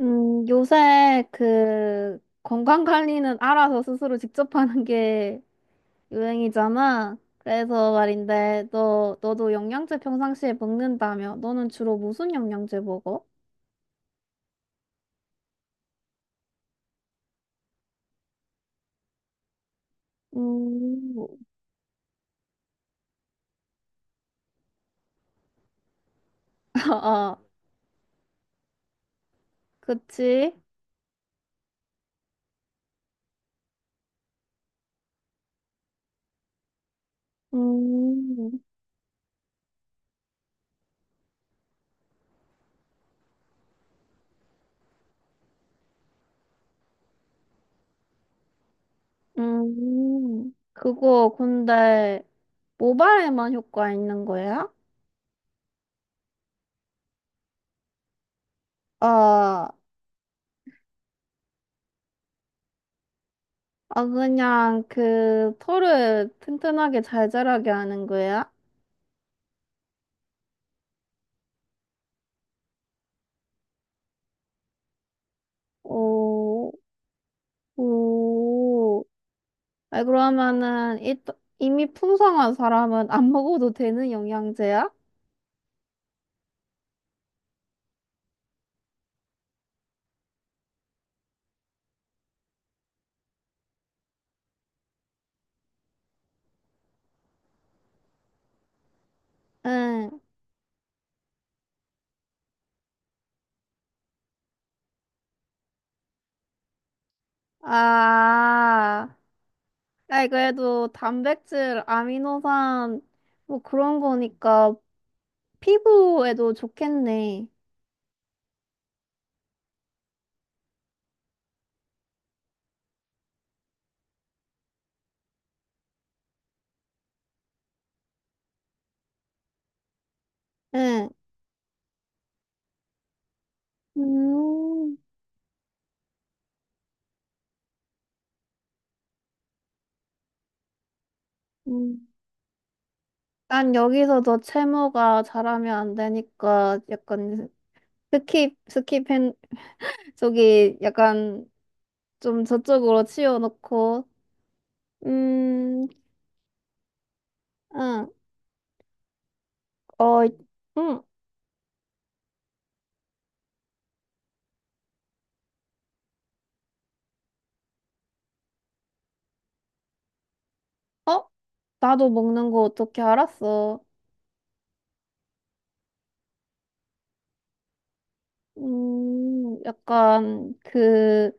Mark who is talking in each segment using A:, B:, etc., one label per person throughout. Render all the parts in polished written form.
A: 요새 그 건강 관리는 알아서 스스로 직접 하는 게 유행이잖아. 그래서 말인데, 너도 영양제 평상시에 먹는다며? 너는 주로 무슨 영양제 먹어? 음. 아, 그치? 음. 그거 근데 모발에만 효과 있는 거야? 아. 아, 그냥 그 털을 튼튼하게 잘 자라게 하는 거야? 오. 오, 아, 그러면은 일, 이미 풍성한 사람은 안 먹어도 되는 영양제야? 응. 아, 아이 그래도 단백질, 아미노산 뭐 그런 거니까 피부에도 좋겠네. 응. 음. 음. 난 여기서도 채모가 잘하면 안 되니까 약간 스킵 스킵한 저기 약간 좀 저쪽으로 치워놓고. 음. 응. 어. 응. 어? 나도 먹는 거 어떻게 알았어? 약간, 그,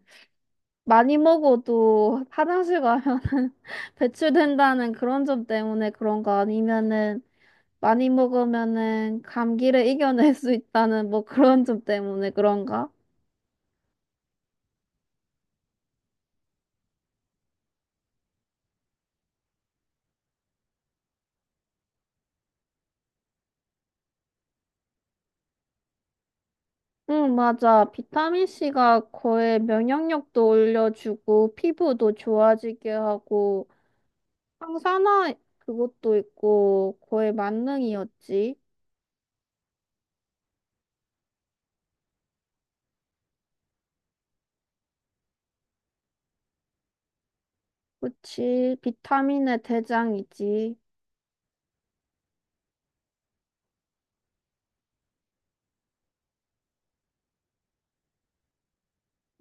A: 많이 먹어도 화장실 가면 배출된다는 그런 점 때문에 그런가? 아니면은, 많이 먹으면은 감기를 이겨낼 수 있다는 뭐 그런 점 때문에 그런가? 응, 맞아. 비타민C가 거의 면역력도 올려주고, 피부도 좋아지게 하고, 항산화 그것도 있고 거의 만능이었지. 그치. 비타민의 대장이지.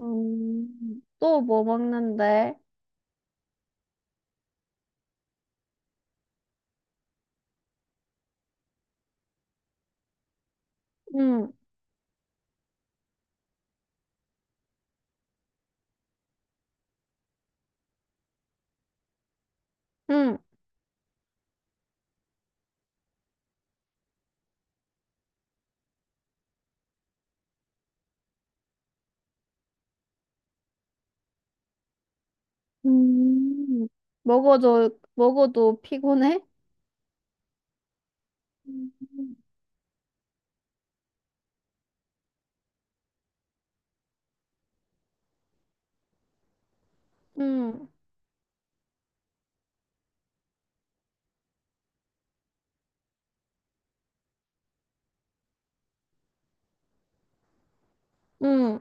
A: 또 뭐 먹는데? 응. 응. 음. 먹어도 피곤해? 음. 응. 응.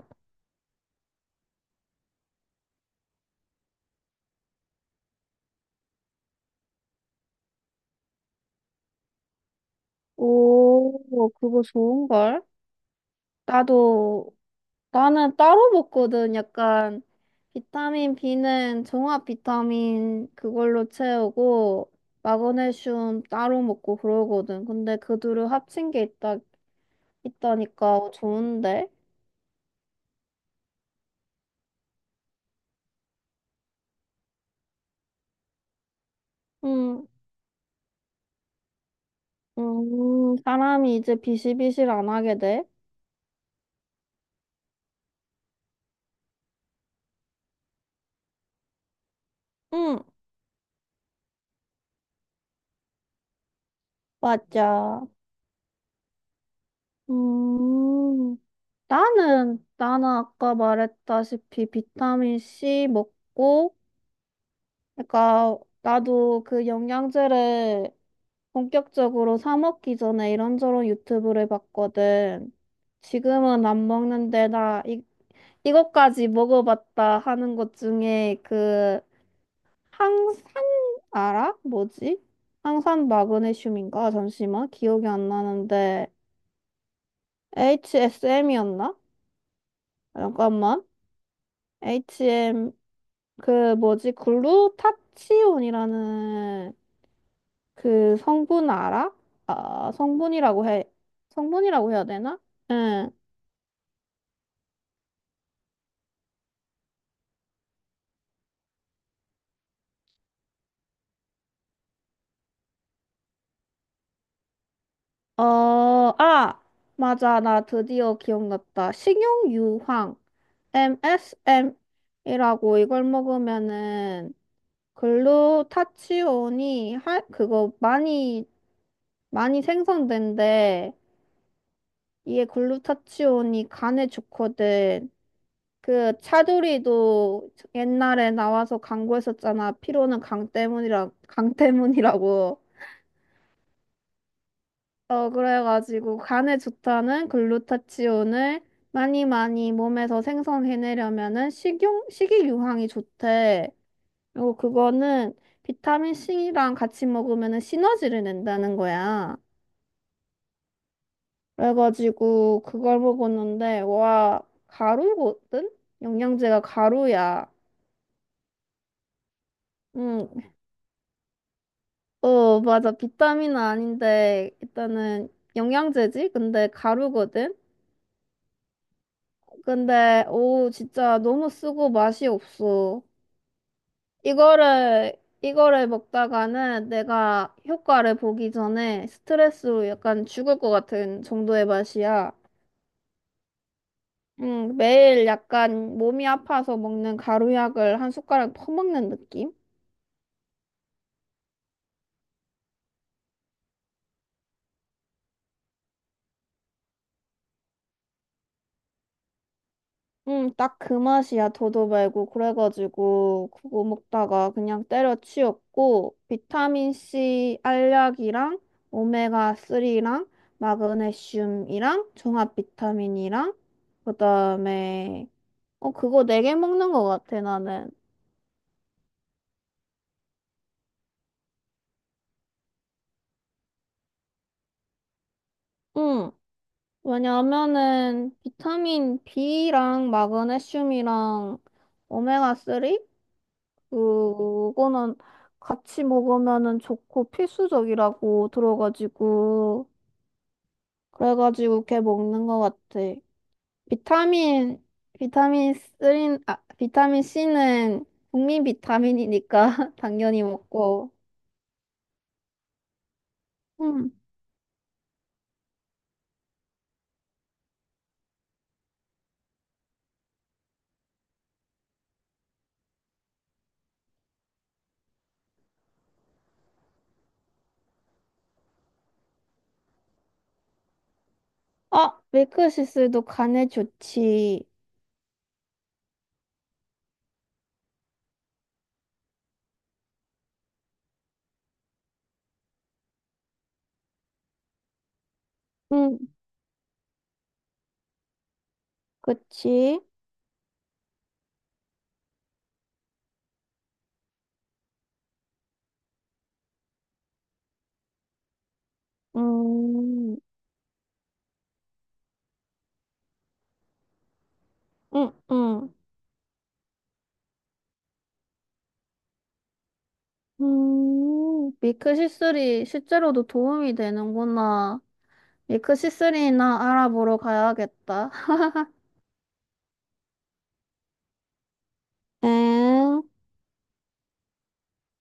A: 오, 그거 좋은걸? 나도 나는 따로 먹거든. 약간 비타민 B는 종합 비타민 그걸로 채우고 마그네슘 따로 먹고 그러거든. 근데 그 둘을 합친 게 있다 있다니까 좋은데. 응. 사람이 이제 비실비실 안 하게 돼. 응, 맞아. 음, 나는 아까 말했다시피 비타민 C 먹고, 그러니까 나도 그 영양제를 본격적으로 사 먹기 전에 이런저런 유튜브를 봤거든. 지금은 안 먹는데 나 이, 이것까지 먹어봤다 하는 것 중에 그 항산 알아? 뭐지? 항산 마그네슘인가? 잠시만 기억이 안 나는데 HSM이었나? 잠깐만 HM 그 뭐지 글루타치온이라는 그 성분 알아? 아 성분이라고 해 성분이라고 해야 되나? 응. 어. 아, 맞아. 나 드디어 기억났다. 식용유황, MSM이라고 이걸 먹으면은 글루타치온이 하, 그거 많이 생성된대. 이게 글루타치온이 간에 좋거든. 그 차두리도 옛날에 나와서 광고했었잖아. 피로는 강 때문이라, 강 때문이라고. 어, 그래가지고 간에 좋다는 글루타치온을 많이 많이 몸에서 생성해내려면은 식용, 식이유황이 좋대. 그리고 그거는 비타민 C랑 같이 먹으면은 시너지를 낸다는 거야. 그래가지고 그걸 먹었는데, 와, 가루거든? 영양제가 가루야. 응. 어, 맞아. 비타민은 아닌데, 일단은 영양제지? 근데 가루거든? 근데 오 진짜 너무 쓰고 맛이 없어. 이거를 이거를 먹다가는 내가 효과를 보기 전에 스트레스로 약간 죽을 것 같은 정도의 맛이야. 매일 약간 몸이 아파서 먹는 가루약을 한 숟가락 퍼먹는 느낌? 응, 딱 그 맛이야, 도도 말고. 그래가지고, 그거 먹다가 그냥 때려치웠고, 비타민C 알약이랑, 오메가3랑, 마그네슘이랑, 종합 비타민이랑, 그 다음에, 어, 그거 4개 먹는 것 같아, 나는. 응, 왜냐면은, 비타민 B랑, 마그네슘이랑, 오메가3? 그거는 같이 먹으면은 좋고 필수적이라고 들어가지고 그래가지고 걔 먹는 것 같아. 비타민 비타민 3, 아 비타민 C는 국민 비타민이니까 당연히 먹고. 음. 아 밀크시슬도 간에 좋지. 응, 그치? 음. 응. 응. 밀크시슬이 실제로도 도움이 되는구나. 미크 시스리나 알아보러 가야겠다. 엥?